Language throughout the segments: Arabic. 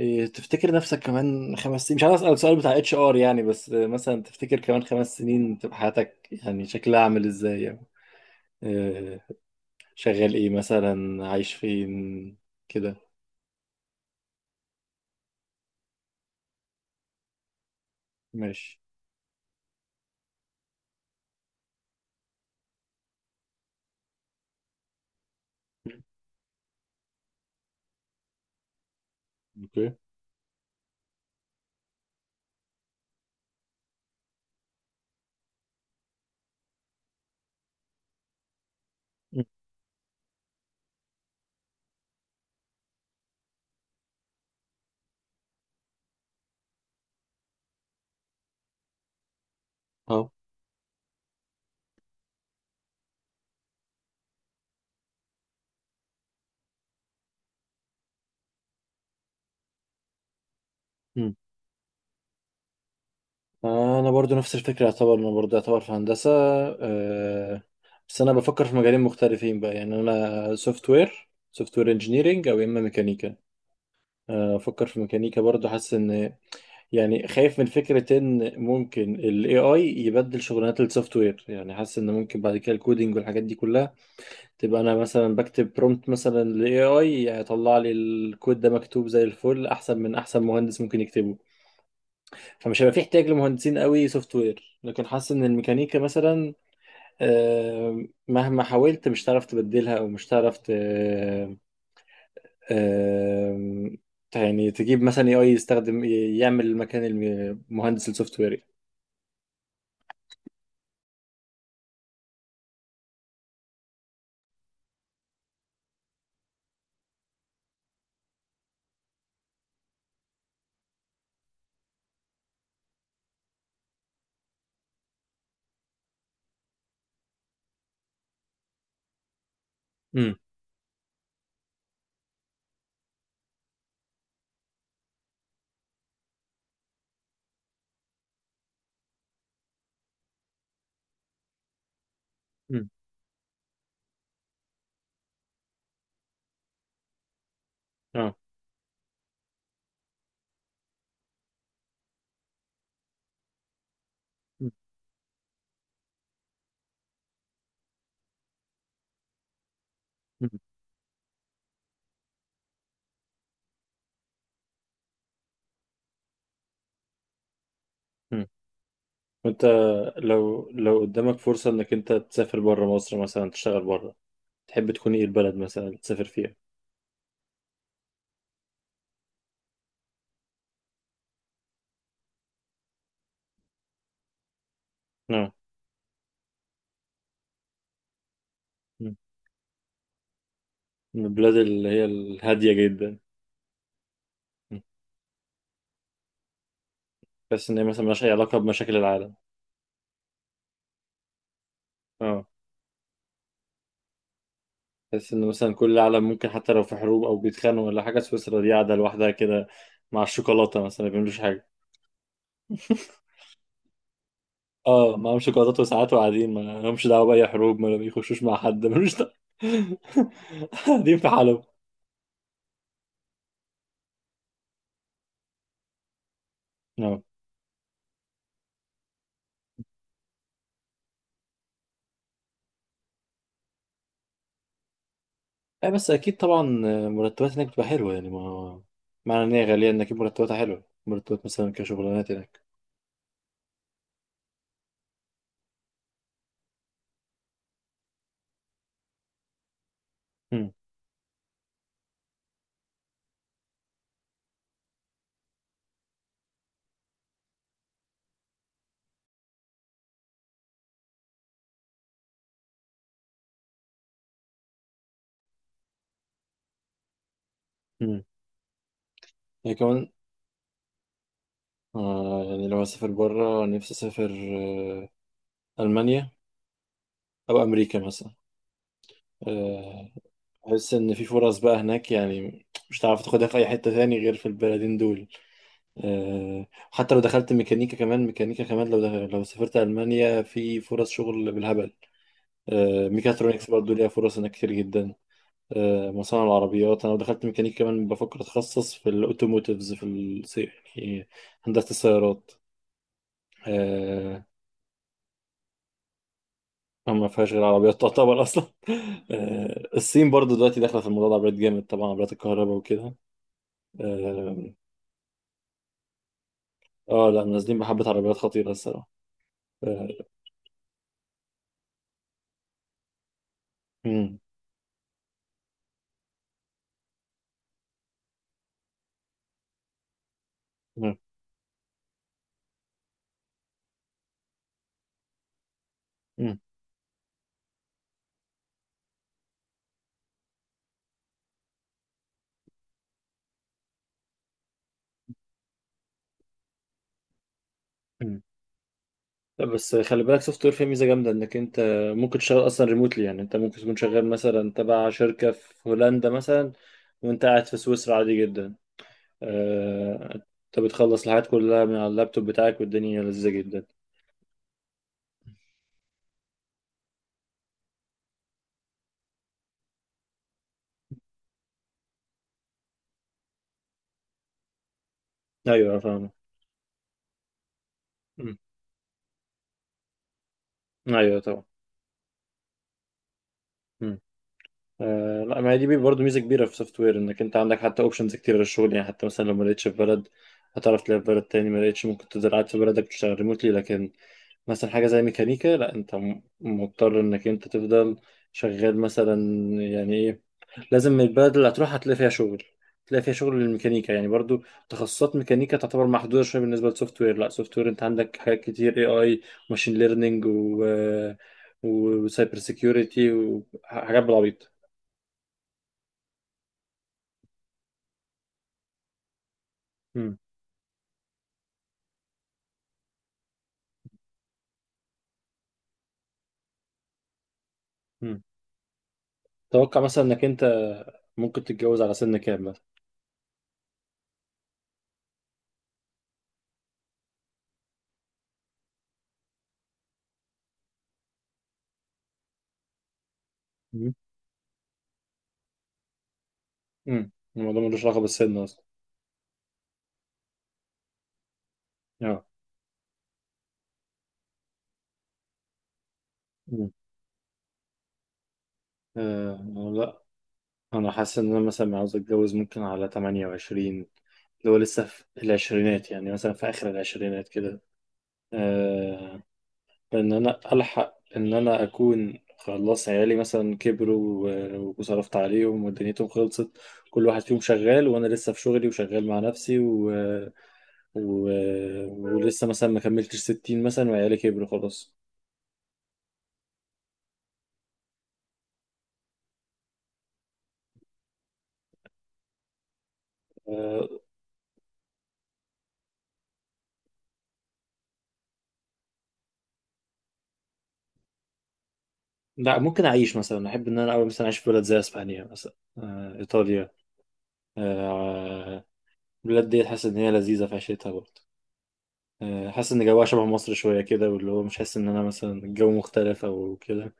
تفتكر نفسك كمان 5 سنين؟ مش عايز اسال السؤال بتاع اتش ار يعني، بس مثلا تفتكر كمان 5 سنين تبقى حياتك يعني شكلها عامل ازاي؟ يعني آه، شغال ايه؟ مثلا عايش فين؟ كده. ماشي. اوكي. مم. اه. مم. انا برضو نفس الفكره، يعتبر انا برضو يعتبر في هندسه. آه، بس انا بفكر في مجالين مختلفين بقى، يعني انا سوفت وير، سوفت وير انجينيرنج، او يا اما ميكانيكا. افكر في ميكانيكا برضو، حاسس ان يعني خايف من فكرة ان ممكن ال AI يبدل شغلانات السوفت وير، يعني حاسس ان ممكن بعد كده الكودينج والحاجات دي كلها تبقى انا مثلا بكتب برومبت مثلا لل AI يطلع لي الكود ده مكتوب زي الفل، احسن من احسن مهندس ممكن يكتبه. فمش هيبقى في احتياج لمهندسين قوي سوفت وير، لكن حاسس ان الميكانيكا مثلا مهما حاولت مش هتعرف تبدلها، او مش هتعرف آه، يعني تجيب مثلا AI يستخدم يعمل مكان المهندس السوفت وير. مم. اه. مم. مم. مم. وانت، لو قدامك فرصة انك انت تسافر بره مصر مثلا تشتغل بره، تحب تكون ايه البلد مثلا اللي تسافر فيها؟ اه. مم. من البلاد اللي هي الهادية جدا؟ مم. بس ان هي مثلا ملهاش اي علاقة بمشاكل العالم. اه، بس ان مثلا كل العالم ممكن حتى لو في حروب او بيتخانقوا ولا حاجة، سويسرا دي قاعدة لوحدها كده مع الشوكولاتة، مثلا ما بيعملوش حاجة. اه، معاهم شوكولاتات وساعات وقاعدين ما لهمش دعوة بأي حروب، ما بيخشوش مع حد، ملوش دعوة. قاعدين في حالهم. اه. أي، بس اكيد طبعا مرتبات هناك بتبقى حلوه يعني، ما معنى ان هي غاليه ان اكيد مرتباتها حلوه، مرتبات مثلا كشغلانات هناك. امم. امم، يعني كمان، آه يعني لو اسافر بره نفسي اسافر آه المانيا او امريكا مثلا. آه احس ان في فرص بقى هناك، يعني مش هتعرف تاخدها في اي حته تاني غير في البلدين دول. آه، حتى لو دخلت ميكانيكا كمان، ميكانيكا كمان لو دخل لو سافرت المانيا في فرص شغل بالهبل. آه، ميكاترونكس برضه ليها فرص هناك كتير جدا. مصانع العربيات. انا دخلت ميكانيك كمان بفكر اتخصص في الاوتوموتيفز في يعني هندسه السيارات. آه، ما فيهاش غير عربيات تعتبر اصلا. الصين برضو دلوقتي داخله في الموضوع ده، عربيات جامد طبعا، عربيات الكهرباء وكده. اه. لا، نازلين بحبه، عربيات خطيره الصراحه. آه، مم، مم، مم، مم. لا، بس خلي بالك سوفت وير فيه ميزه جامده، انك انت ممكن تشتغل اصلا ريموتلي، يعني انت ممكن تكون شغال مثلا تبع شركه في هولندا مثلا وانت قاعد في سويسرا عادي جدا. آه، انت بتخلص الحاجات كلها من على اللابتوب بتاعك، والدنيا لذيذة جدا. ايوه، فاهمة. مم. ايوه طبعا. مم. آه لا، ما هي دي برضه ميزه كبيره في سوفت وير، انك انت عندك حتى اوبشنز كتير للشغل، يعني حتى مثلا لو ما لقيتش في بلد هتعرف تلاقي في بلد تاني، ما لقيتش ممكن تفضل قاعد في بلدك تشتغل ريموتلي. لكن مثلا حاجه زي ميكانيكا لا، انت مضطر انك انت تفضل شغال مثلا، يعني لازم البلد اللي هتروح هتلاقي فيها شغل، هتلاقي فيها شغل للميكانيكا، يعني برضو تخصصات ميكانيكا تعتبر محدودة شوية بالنسبة للسوفت وير. لا، سوفت وير انت عندك حاجات كتير، اي، اي، وماشين ليرنينج وسايبر سيكيورتي وحاجات بالعبيط. مم. مم. توقع مثلا انك انت ممكن تتجوز على سن كام مثلا؟ مم. مم. الموضوع ملوش علاقة بالسن اصلا. اه. مم. لا، انا حاسس ان انا مثلا عاوز اتجوز ممكن على 28، اللي هو لسه في العشرينات يعني، مثلا في اخر العشرينات كده. آه، ان انا الحق ان انا اكون خلاص عيالي مثلا كبروا وصرفت عليهم ودنيتهم خلصت، كل واحد فيهم شغال وانا لسه في شغلي وشغال مع نفسي و... ولسه مثلا ما كملتش 60 مثلا وعيالي كبروا خلاص. آه، لا، ممكن اعيش مثلا احب ان انا اول مثلا اعيش في بلد زي اسبانيا مثلا، ايطاليا. آه، البلاد دي حاسس ان هي لذيذه في عيشتها برضه. حاسس ان جوها شبه مصر شويه كده، واللي هو مش حاسس ان انا مثلا الجو مختلف او كده.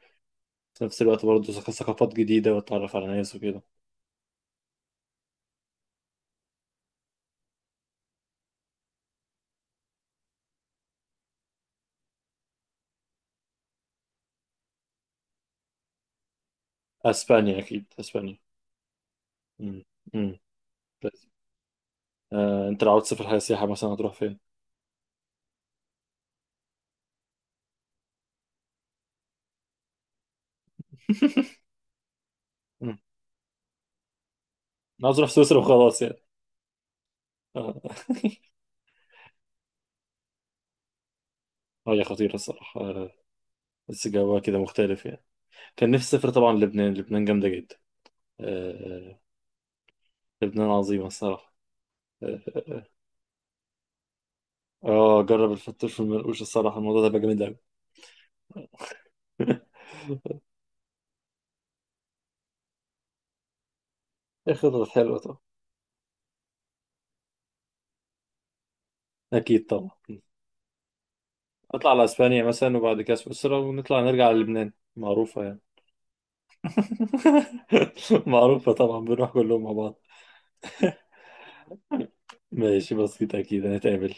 في نفس الوقت برضه ثقافات جديدة وتتعرف على ناس وكده. أسبانيا، أكيد أسبانيا. مم. مم. بس. أنت لو عاوز تسافر حاجة سياحة مثلا هتروح فين؟ مم. أنا عاوز أروح سويسرا وخلاص يعني. آه. هي خطيرة الصراحة. بس جوها كده مختلف يعني. كان نفسي أسافر طبعا لبنان، لبنان جامدة جدا. آه، لبنان عظيمة الصراحة. آه. جرب الفتوش والمنقوش الصراحة، الموضوع ده بقى جامد أوي. إيه، خطط حلوة طبعا. أكيد طبعا. نطلع على اسبانيا مثلا، وبعد كده سويسرا، ونطلع نرجع على لبنان، معروفة يعني. معروفة طبعا، بنروح كلهم مع بعض. ماشي، بسيطة، اكيد هنتقابل.